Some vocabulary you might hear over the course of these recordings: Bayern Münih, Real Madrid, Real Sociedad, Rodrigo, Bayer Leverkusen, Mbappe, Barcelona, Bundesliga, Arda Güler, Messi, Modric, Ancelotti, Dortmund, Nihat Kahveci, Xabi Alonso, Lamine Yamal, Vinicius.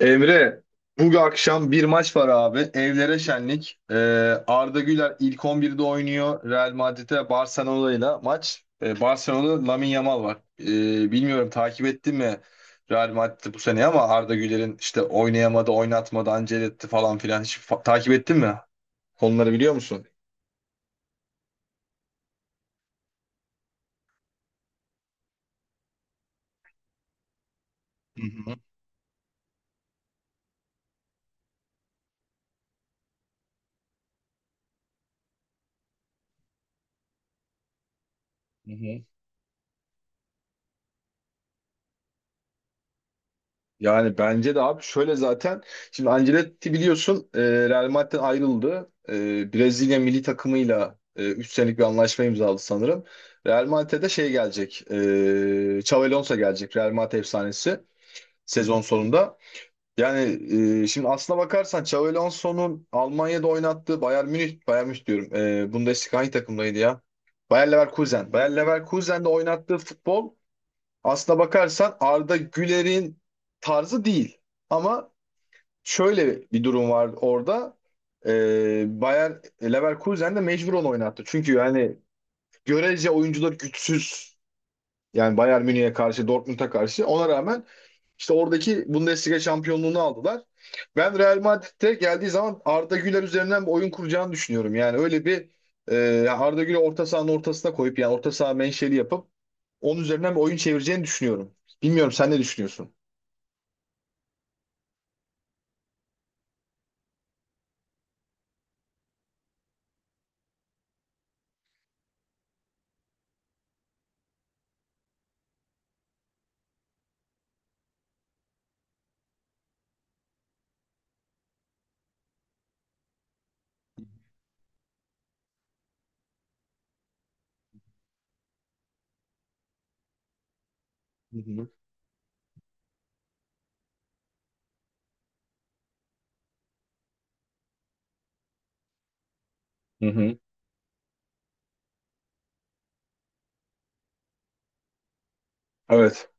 Emre, bu akşam bir maç var abi. Evlere şenlik. Arda Güler ilk 11'de oynuyor. Real Madrid'e Barcelona'yla maç. Barcelona'da Lamine Yamal var. Bilmiyorum takip ettin mi Real Madrid'i bu sene ama Arda Güler'in işte oynayamadı, oynatmadı, ancel etti falan filan. Hiç takip ettin mi? Konuları biliyor musun? Hı hı. Hı hı. Yani bence de abi şöyle zaten şimdi Ancelotti biliyorsun Real Madrid'den ayrıldı. Brezilya milli takımıyla 3 senelik bir anlaşma imzaladı sanırım. Real Madrid'e de şey gelecek. Xabi Alonso gelecek. Real Madrid efsanesi sezon sonunda. Yani şimdi aslına bakarsan Xabi Alonso'nun Almanya'da oynattığı Bayern Münih, Bayern Münih diyorum. Bundesliga hangi takımdaydı ya? Bayer Leverkusen. Bayer Leverkusen'de oynattığı futbol, aslına bakarsan Arda Güler'in tarzı değil. Ama şöyle bir durum var orada. Bayer Leverkusen de mecbur onu oynattı. Çünkü yani görece oyuncular güçsüz. Yani Bayern Münih'e karşı, Dortmund'a karşı. Ona rağmen işte oradaki Bundesliga şampiyonluğunu aldılar. Ben Real Madrid'de geldiği zaman Arda Güler üzerinden bir oyun kuracağını düşünüyorum. Yani öyle bir Arda Güler orta sahanın ortasına koyup yani orta saha menşeli yapıp onun üzerinden bir oyun çevireceğini düşünüyorum. Bilmiyorum sen ne düşünüyorsun? Hı hı. Hı hı. Evet.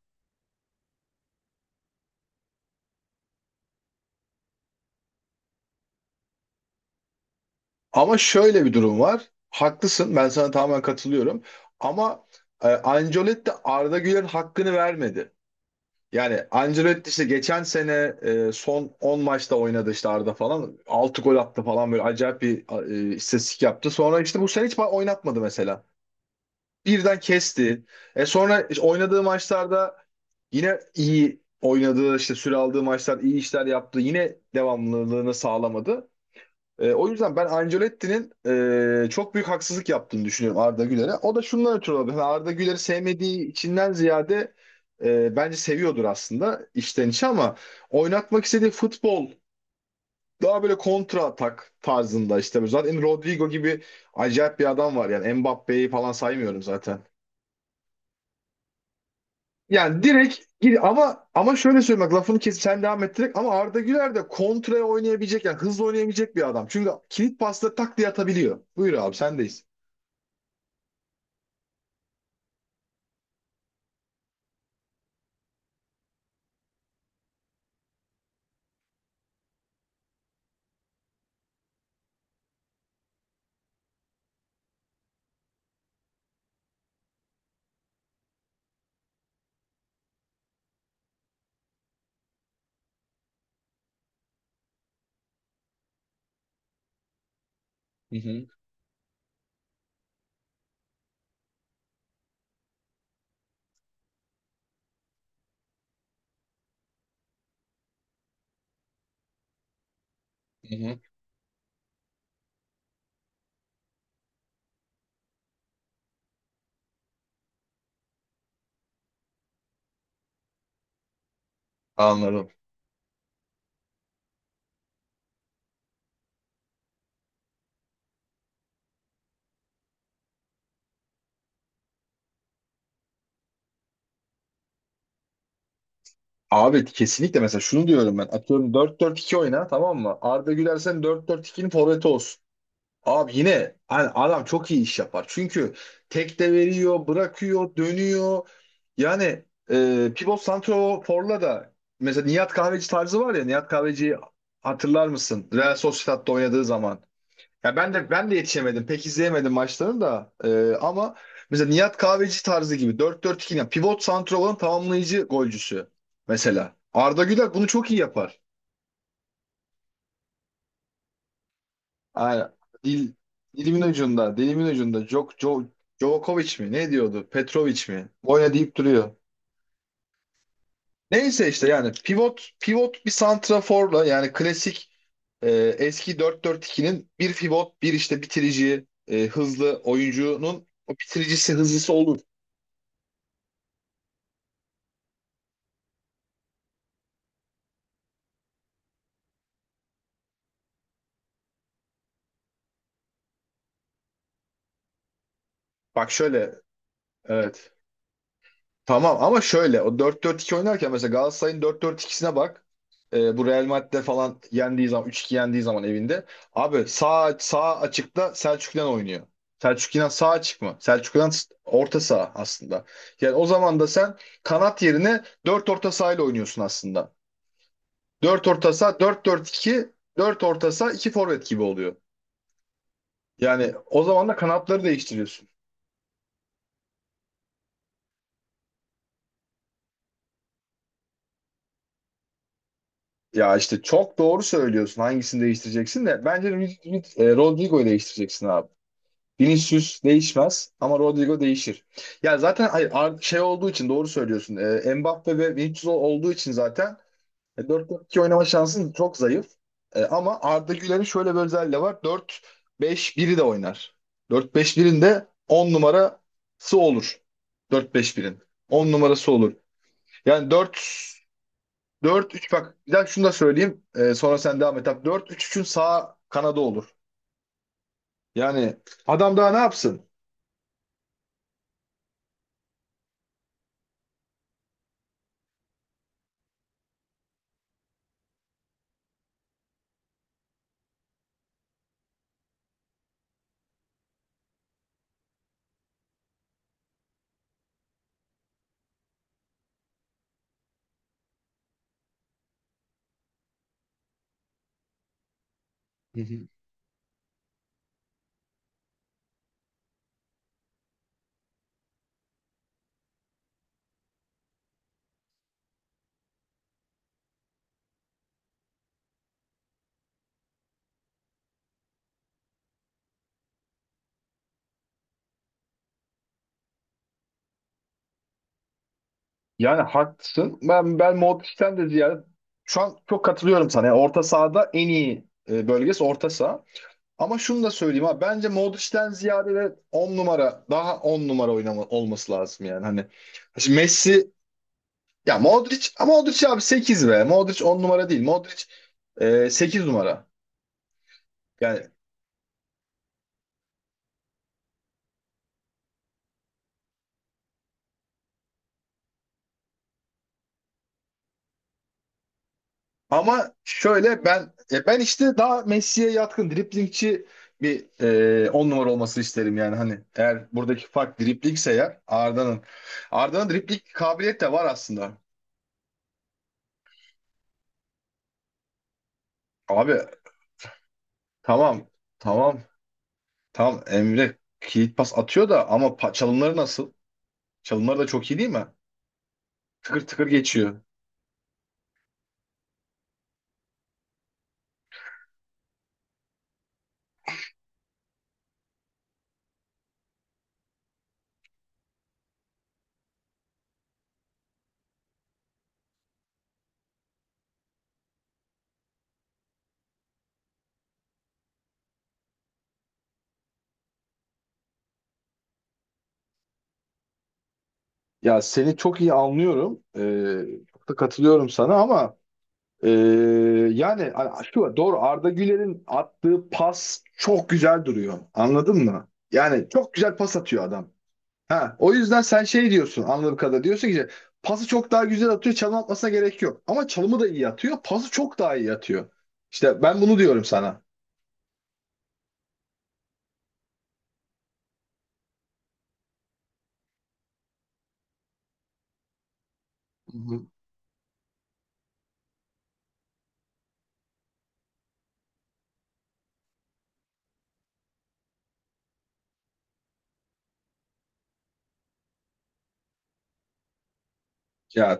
Ama şöyle bir durum var. Haklısın. Ben sana tamamen katılıyorum. Ama Ancelotti Arda Güler'in hakkını vermedi. Yani Ancelotti işte geçen sene son 10 maçta oynadı işte Arda falan. Altı gol attı falan böyle acayip bir istatistik yaptı. Sonra işte bu sene hiç oynatmadı mesela. Birden kesti. Sonra işte oynadığı maçlarda yine iyi oynadığı işte süre aldığı maçlar iyi işler yaptı. Yine devamlılığını sağlamadı. O yüzden ben Ancelotti'nin çok büyük haksızlık yaptığını düşünüyorum Arda Güler'e. O da şundan ötürü olabilir. Yani Arda Güler'i sevmediği içinden ziyade bence seviyordur aslında içten içe ama oynatmak istediği futbol daha böyle kontra atak tarzında işte. Zaten Rodrigo gibi acayip bir adam var yani Mbappe'yi falan saymıyorum zaten. Yani direkt gir ama şöyle söyleyeyim bak lafını kesip sen devam et direkt ama Arda Güler de kontraya oynayabilecek yani hızlı oynayabilecek bir adam. Çünkü kilit pasla tak diye atabiliyor. Buyur abi sendeyiz. Hı hı, hı hı. Anladım. Abi kesinlikle mesela şunu diyorum ben. Atıyorum 4-4-2 oyna tamam mı? Arda Güler sen 4-4-2'nin forveti olsun. Abi yine hani adam çok iyi iş yapar. Çünkü tek de veriyor, bırakıyor, dönüyor. Yani pivot santroforla da mesela Nihat Kahveci tarzı var ya. Nihat Kahveci hatırlar mısın? Real Sociedad'da oynadığı zaman. Ya ben de yetişemedim. Pek izleyemedim maçlarını da. Ama mesela Nihat Kahveci tarzı gibi 4-4-2 yani pivot santraforun tamamlayıcı golcüsü mesela. Arda Güler bunu çok iyi yapar. Yani dil dilimin ucunda, dilimin ucunda. Djokovic mi? Ne diyordu? Petrovic mi? Boyna deyip duruyor. Neyse işte yani pivot bir santraforla yani klasik e, eski 4-4-2'nin bir pivot, bir işte bitirici, hızlı oyuncunun o bitiricisi, hızlısı olur. Bak şöyle, evet. Tamam ama şöyle o 4-4-2 oynarken mesela Galatasaray'ın 4-4-2'sine bak. Bu Real Madrid'de falan yendiği zaman üç 2 yendiği zaman evinde. Abi sağ açıkta Selçuk İnan oynuyor. Selçuk İnan sağ açık mı? Selçuk İnan orta saha aslında. Yani o zaman da sen kanat yerine 4 orta saha ile oynuyorsun aslında. 4 orta saha 4-4-2, dört orta saha 2 forvet gibi oluyor. Yani o zaman da kanatları değiştiriyorsun. Ya işte çok doğru söylüyorsun. Hangisini değiştireceksin de. Bence Rodrigo'yu değiştireceksin abi. Vinicius değişmez ama Rodrigo değişir. Ya zaten hayır, şey olduğu için doğru söylüyorsun. Mbappe ve Vinicius olduğu için zaten 4-4-2 oynama şansın çok zayıf. Ama Arda Güler'in şöyle bir özelliği de var. 4-5-1'i de oynar. 4-5-1'in de 10 numarası olur. 4-5-1'in. 10 numarası olur. Yani 4 dört üç, bak bir dakika şunu da söyleyeyim. Sonra sen devam et abi. 4-3-3'ün sağ kanadı olur. Yani adam daha ne yapsın? Hı hı. Yani haklısın. Ben Modric'ten de ziyade şu an çok katılıyorum sana. Yani orta sahada en iyi bölgesi orta saha. Ama şunu da söyleyeyim abi. Bence Modric'ten ziyade de 10 numara daha 10 numara oynama, olması lazım yani. Hani şimdi Messi ya Modric ama Modric abi 8 be. Modric 10 numara değil. Modric 8 numara. Yani ama şöyle ben işte daha Messi'ye yatkın driblingçi bir 10 numara olması isterim yani hani eğer buradaki fark driblingse eğer Arda'nın dribling kabiliyeti de var aslında. Abi tamam tamam tamam Emre kilit pas atıyor da ama çalımları nasıl? Çalımları da çok iyi değil mi? Tıkır tıkır geçiyor. Ya seni çok iyi anlıyorum. Çok da katılıyorum sana ama Ee, yani şu doğru, Arda Güler'in attığı pas çok güzel duruyor. Anladın mı? Yani çok güzel pas atıyor adam. Ha, o yüzden sen şey diyorsun anladığım kadarıyla, diyorsun ki pası çok daha güzel atıyor, çalım atmasına gerek yok. Ama çalımı da iyi atıyor, pası çok daha iyi atıyor. İşte ben bunu diyorum sana. Hı hı. Ya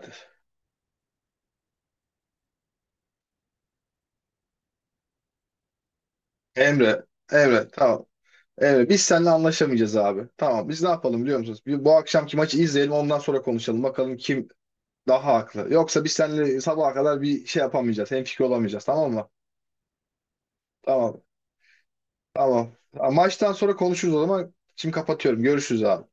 Emre Emre tamam. Emre biz seninle anlaşamayacağız abi. Tamam, biz ne yapalım biliyor musunuz? Bu akşamki maçı izleyelim, ondan sonra konuşalım. Bakalım kim daha haklı. Yoksa biz seninle sabaha kadar bir şey yapamayacağız. Hemfikir olamayacağız. Tamam mı? Tamam. Tamam. Ha, maçtan sonra konuşuruz o zaman. Şimdi kapatıyorum. Görüşürüz abi.